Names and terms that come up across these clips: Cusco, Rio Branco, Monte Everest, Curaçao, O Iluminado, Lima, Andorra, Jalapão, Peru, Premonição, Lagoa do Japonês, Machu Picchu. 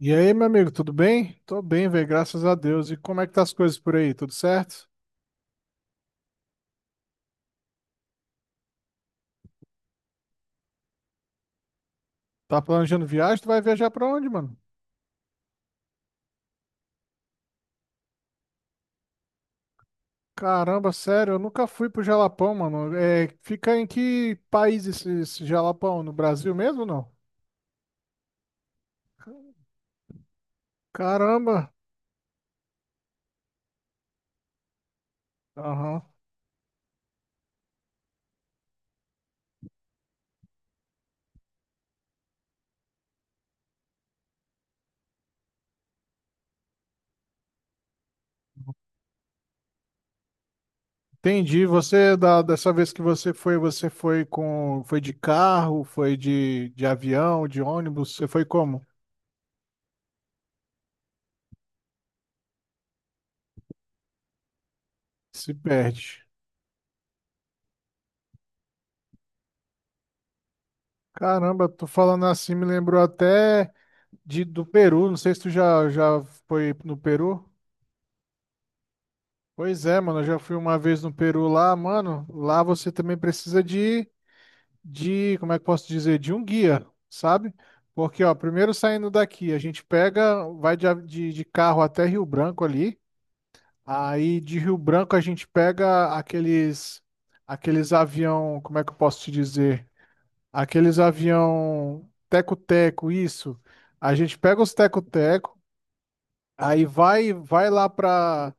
E aí, meu amigo, tudo bem? Tô bem, velho, graças a Deus. E como é que tá as coisas por aí? Tudo certo? Tá planejando viagem? Tu vai viajar pra onde, mano? Caramba, sério, eu nunca fui pro Jalapão, mano. É, fica em que país esse, esse Jalapão? No Brasil mesmo ou não? Caramba. Aham. Entendi. Você, dessa vez que você foi com, foi de carro, foi de avião, de ônibus, você foi como? Se perde. Caramba, tô falando assim, me lembrou até do Peru, não sei se tu já, já foi no Peru. Pois é, mano, eu já fui uma vez no Peru lá, mano. Lá você também precisa de, como é que eu posso dizer, de um guia, sabe? Porque, ó, primeiro saindo daqui, a gente pega, vai de, de carro até Rio Branco ali. Aí de Rio Branco a gente pega aqueles avião, como é que eu posso te dizer? Aqueles avião teco-teco, isso. A gente pega os teco-teco. Aí vai lá pra,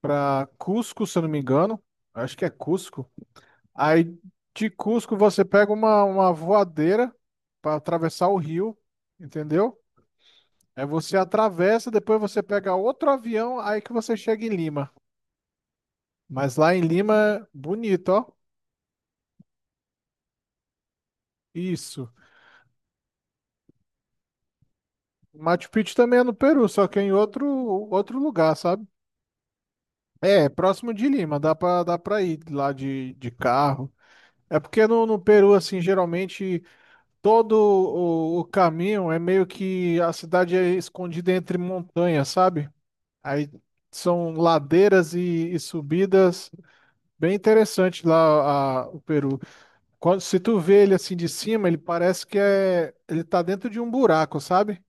pra Cusco, se eu não me engano. Acho que é Cusco. Aí de Cusco você pega uma voadeira para atravessar o rio, entendeu? Aí você atravessa, depois você pega outro avião, aí que você chega em Lima. Mas lá em Lima, bonito, ó. Isso. Machu Picchu também é no Peru, só que é em outro lugar, sabe? É, é próximo de Lima, dá pra ir lá de carro. É porque no Peru, assim, geralmente. Todo o caminho é meio que a cidade é escondida entre montanhas, sabe? Aí são ladeiras e subidas. Bem interessante lá o Peru. Quando, se tu vê ele assim de cima, ele parece que é, ele tá dentro de um buraco, sabe?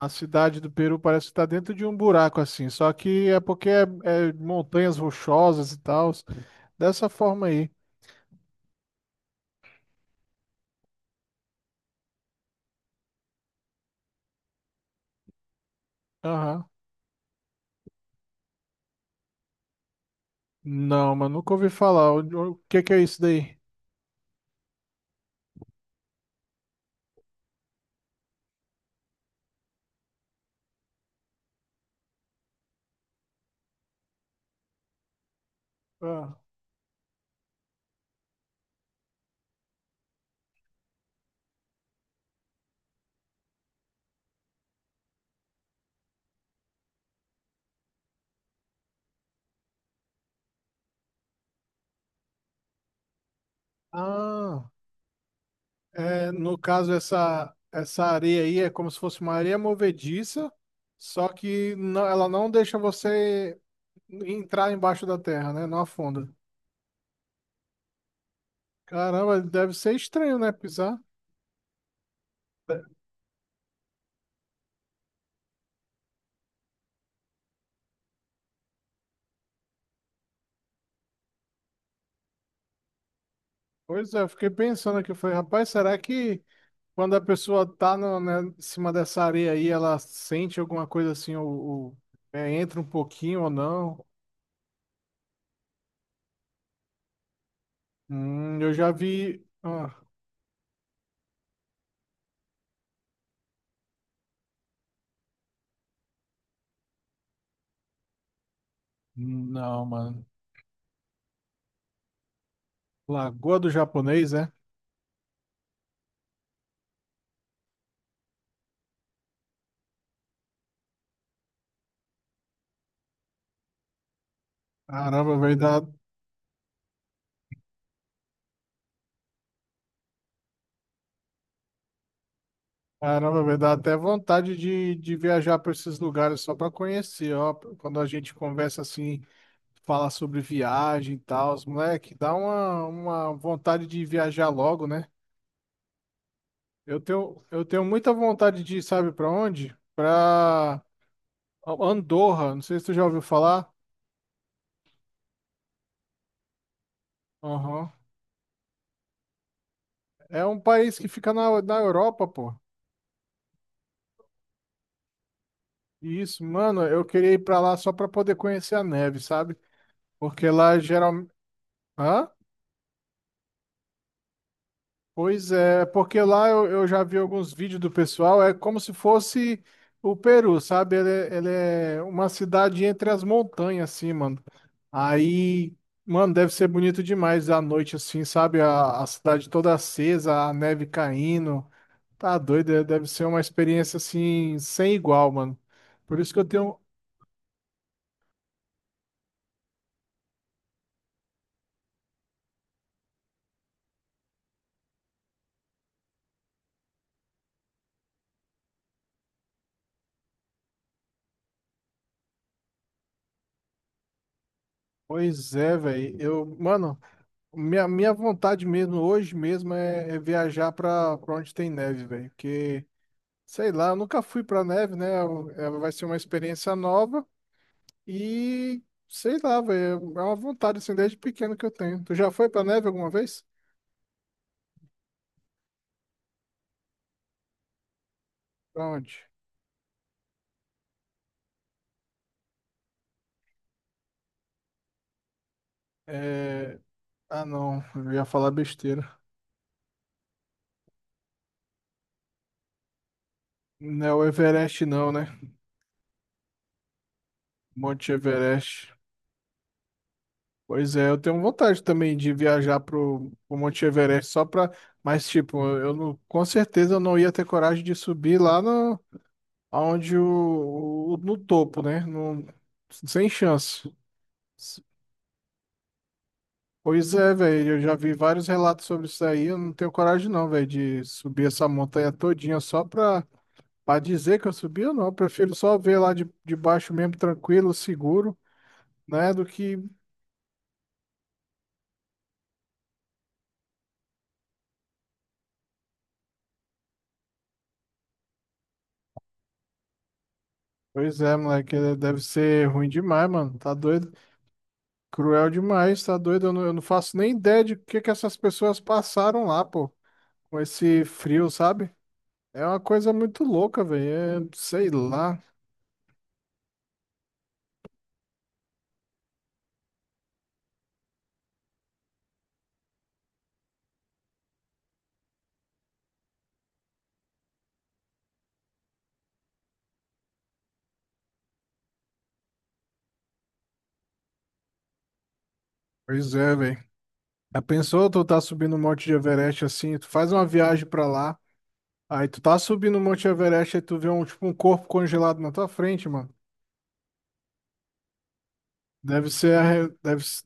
A cidade do Peru parece que tá dentro de um buraco assim, só que é porque é, é montanhas rochosas e tal, dessa forma aí. Aham. Não, mas nunca ouvi falar. O que que é isso daí? Ah. Ah. É, no caso, essa areia aí é como se fosse uma areia movediça, só que ela não deixa você entrar embaixo da terra, né? Não afunda. Caramba, deve ser estranho, né? Pisar. Pois é, eu fiquei pensando aqui, eu falei, rapaz, será que quando a pessoa tá no, né, em cima dessa areia aí, ela sente alguma coisa assim, ou, é, entra um pouquinho ou não? Eu já vi. Ah, não, mano. Lagoa do Japonês, é? Caramba, vai dar. Caramba, me dá até vontade de viajar para esses lugares só para conhecer, ó. Quando a gente conversa assim, fala sobre viagem e tal, os moleque, dá uma vontade de viajar logo, né? Eu tenho muita vontade de ir, sabe para onde? Para Andorra, não sei se tu já ouviu falar. Aham. É um país que fica na Europa, pô. E Isso, mano, eu queria ir para lá só para poder conhecer a neve, sabe? Porque lá geralmente. Hã? Pois é, porque lá eu já vi alguns vídeos do pessoal, é como se fosse o Peru, sabe? Ele, ele é uma cidade entre as montanhas, assim, mano. Aí, mano, deve ser bonito demais à noite, assim, sabe? A cidade toda acesa, a neve caindo. Tá doido, deve ser uma experiência, assim, sem igual, mano. Por isso que eu tenho. Pois é, velho. Eu, mano, minha vontade mesmo, hoje mesmo, é viajar pra, pra onde tem neve, velho. Porque. Sei lá, eu nunca fui pra neve, né? Ela vai ser uma experiência nova e sei lá, velho, é uma vontade assim desde pequeno que eu tenho. Tu já foi pra neve alguma vez? Pra onde? É... Ah, não, eu ia falar besteira. Não é o Everest não, né? Monte Everest. Pois é, eu tenho vontade também de viajar pro, pro Monte Everest só pra... Mas tipo, eu não... com certeza eu não ia ter coragem de subir lá no... aonde o... no topo, né? No... Sem chance. Pois é, velho, eu já vi vários relatos sobre isso aí, eu não tenho coragem não, velho, de subir essa montanha todinha só pra, pra dizer que eu subi ou não, eu prefiro só ver lá de baixo mesmo, tranquilo, seguro, né, do que... Pois é, moleque, é, deve ser ruim demais, mano, tá doido, cruel demais, tá doido, eu não faço nem ideia de o que que essas pessoas passaram lá, pô, com esse frio, sabe? É uma coisa muito louca, velho, é, sei lá, pois é, velho. Já pensou, tu tá subindo o Monte de Everest assim, tu faz uma viagem pra lá, aí tu tá subindo o Monte Everest e tu vê um tipo um corpo congelado na tua frente, mano. Deve ser, arre- deve, s-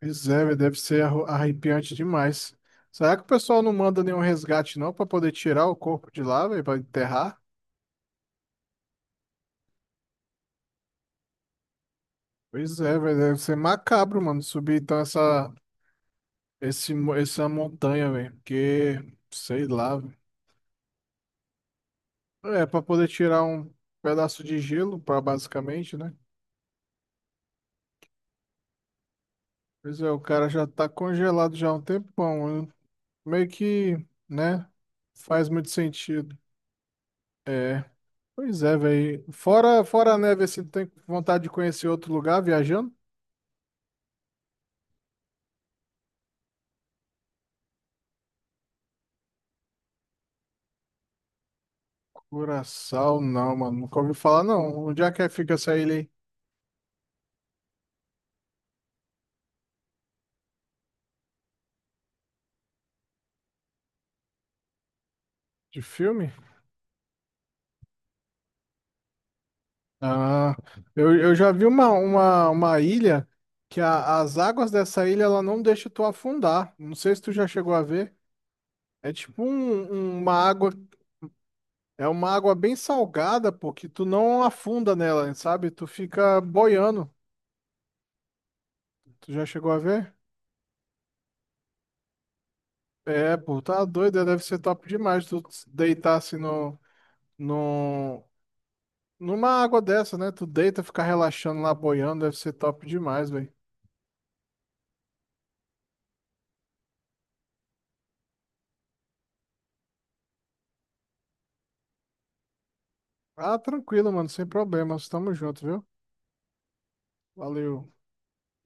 pois é, velho, arrepiante demais. Será que o pessoal não manda nenhum resgate não pra poder tirar o corpo de lá, velho, pra enterrar? Pois é, velho, deve ser macabro, mano, subir essa montanha, velho, porque sei lá, velho. É pra poder tirar um pedaço de gelo, para basicamente, né? Pois é, o cara já tá congelado já há um tempão. Né? Meio que, né? Faz muito sentido. É. Pois é, velho. Fora, fora a neve, assim, tu tem vontade de conhecer outro lugar viajando? Curaçao, não, mano. Nunca ouvi falar, não. Onde é que fica essa ilha aí? De filme? Ah, eu já vi uma ilha que as águas dessa ilha, ela não deixa tu afundar. Não sei se tu já chegou a ver. É tipo um, uma água. É uma água bem salgada, pô, que tu não afunda nela, sabe? Tu fica boiando. Tu já chegou a ver? É, pô, tá doido, é, deve ser top demais tu deitar assim no, no, numa água dessa, né? Tu deita, fica relaxando lá, boiando, deve ser top demais, velho. Ah, tranquilo, mano, sem problemas, tamo junto, viu? Valeu.